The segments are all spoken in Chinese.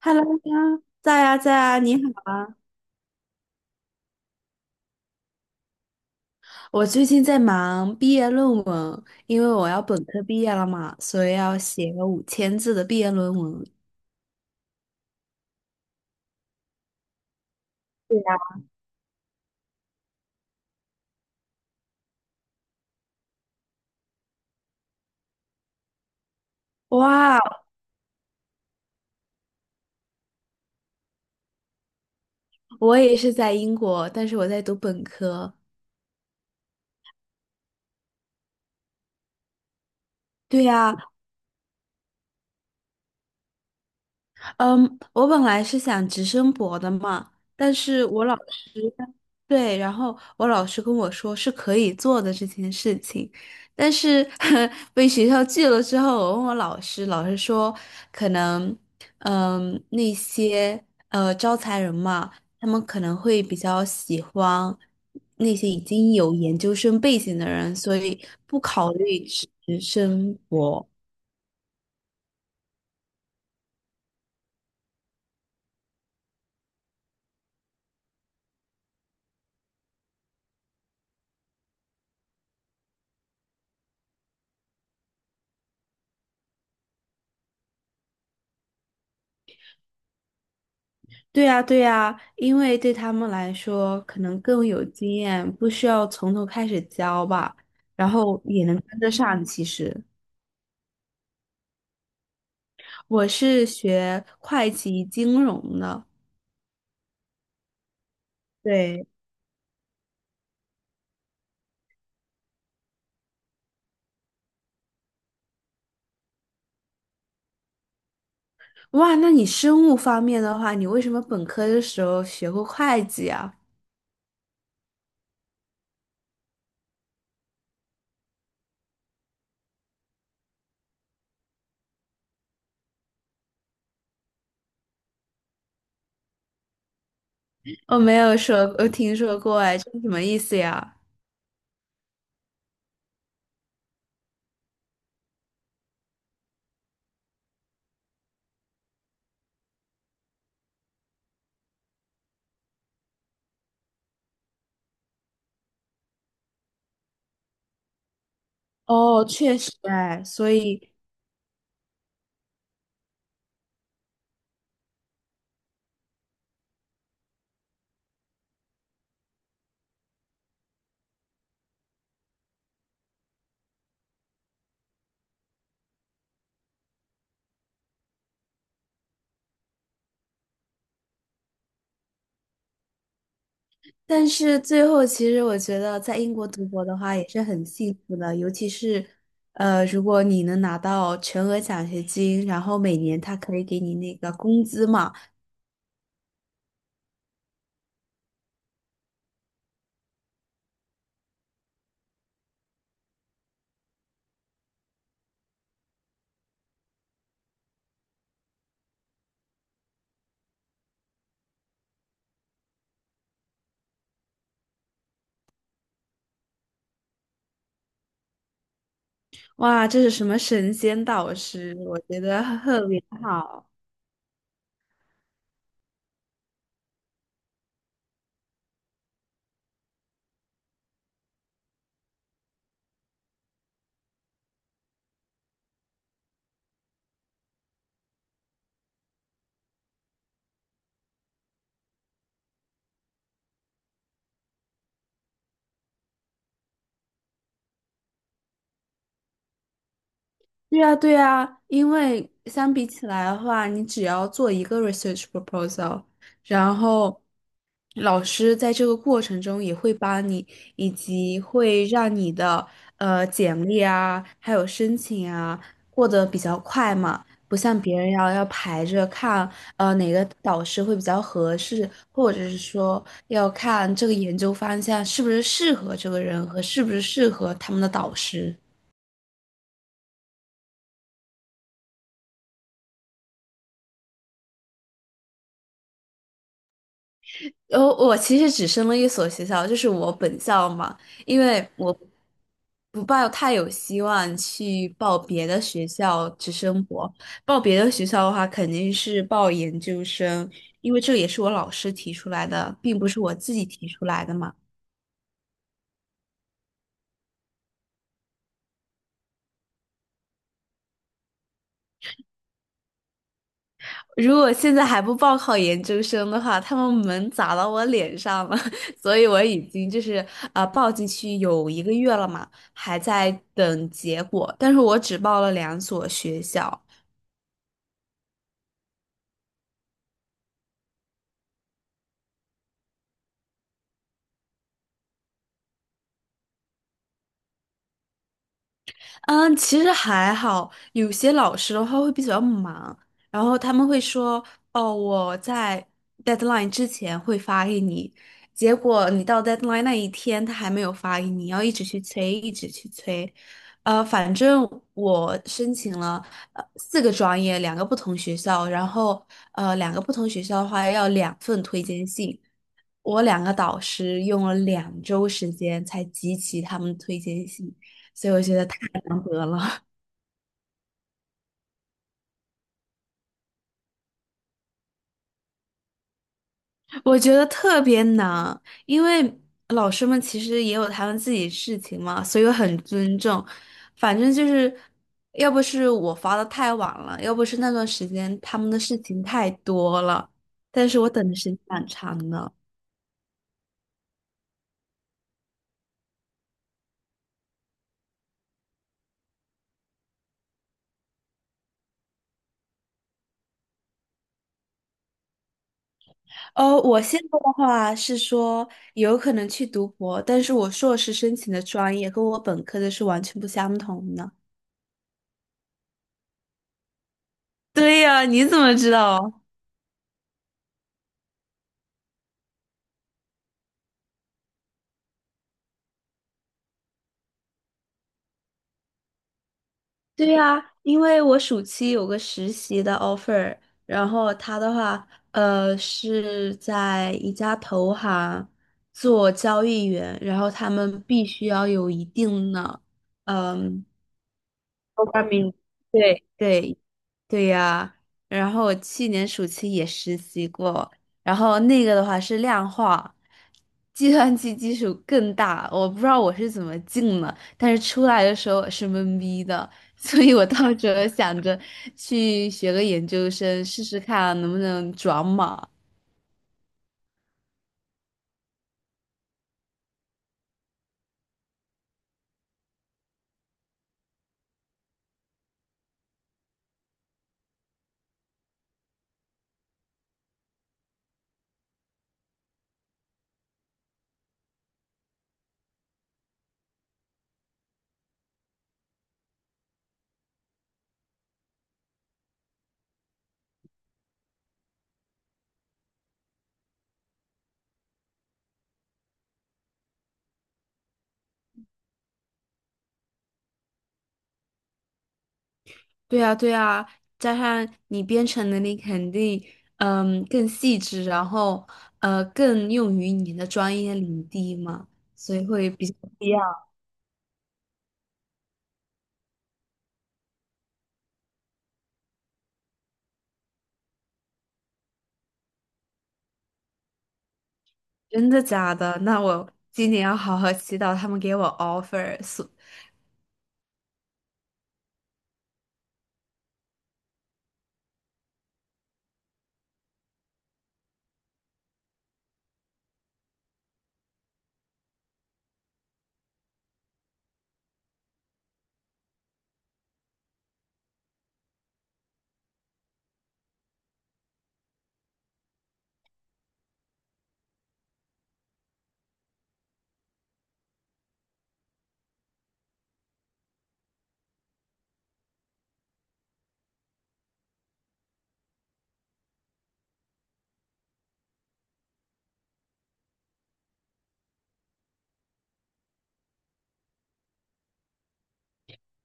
Hello 呀，在呀在呀，你好啊！我最近在忙毕业论文，因为我要本科毕业了嘛，所以要写个5000字的毕业论文。对呀，哇，我也是在英国，但是我在读本科。对呀，嗯，我本来是想直升博的嘛，但是我老师，对，然后我老师跟我说是可以做的这件事情，但是 被学校拒了之后，我问我老师，老师说可能，嗯，那些招财人嘛，他们可能会比较喜欢那些已经有研究生背景的人，所以不考虑直升博。对呀，对呀，因为对他们来说可能更有经验，不需要从头开始教吧，然后也能跟得上。其实我是学会计金融的，对，哇，那你生物方面的话，你为什么本科的时候学过会计啊？我没有说，我听说过，哎，这是什么意思呀？哦，确实哎，所以但是最后，其实我觉得在英国读博的话也是很幸福的，尤其是，如果你能拿到全额奖学金，然后每年他可以给你那个工资嘛，哇，这是什么神仙导师，我觉得特别好。对呀，对呀，因为相比起来的话，你只要做一个 research proposal，然后老师在这个过程中也会帮你，以及会让你的简历啊，还有申请啊过得比较快嘛，不像别人要排着看，哪个导师会比较合适，或者是说要看这个研究方向是不是适合这个人和是不是适合他们的导师。然后我其实只升了一所学校，就是我本校嘛，因为我不抱太有希望去报别的学校去生活。报别的学校的话，肯定是报研究生，因为这也是我老师提出来的，并不是我自己提出来的嘛。如果现在还不报考研究生的话，他们门砸到我脸上了，所以我已经就是报进去有1个月了嘛，还在等结果，但是我只报了2所学校。嗯，其实还好，有些老师的话会比较忙，然后他们会说，哦，我在 deadline 之前会发给你，结果你到 deadline 那一天他还没有发给你，要一直去催，一直去催。反正我申请了四个专业，两个不同学校，然后两个不同学校的话要2份推荐信，我两个导师用了2周时间才集齐他们的推荐信，所以我觉得太难得了。我觉得特别难，因为老师们其实也有他们自己事情嘛，所以我很尊重。反正就是，要不是我发的太晚了，要不是那段时间他们的事情太多了，但是我等的时间蛮长的。我现在的话是说有可能去读博，但是我硕士申请的专业和我本科的是完全不相同的。对呀，你怎么知道？对呀，因为我暑期有个实习的 offer，然后他的话，是在一家投行做交易员，然后他们必须要有一定的，嗯。多巴明，对对对呀、然后我去年暑期也实习过，然后那个的话是量化，计算机基础更大，我不知道我是怎么进的，但是出来的时候是懵逼的，所以我到时候想着去学个研究生试试看啊能不能转码。对啊，对啊，加上你编程能力肯定，嗯，更细致，然后更用于你的专业领地嘛，所以会比较不一样。真的假的？那我今年要好好祈祷他们给我 offer。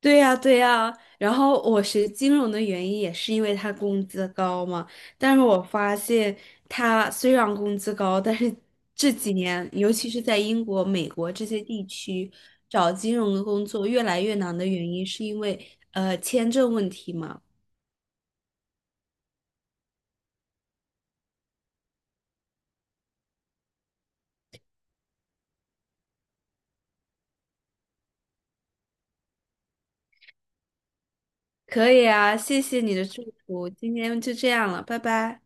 对呀，对呀，然后我学金融的原因也是因为他工资高嘛，但是我发现他虽然工资高，但是这几年，尤其是在英国、美国这些地区，找金融的工作越来越难的原因，是因为签证问题嘛。可以啊，谢谢你的祝福，今天就这样了，拜拜。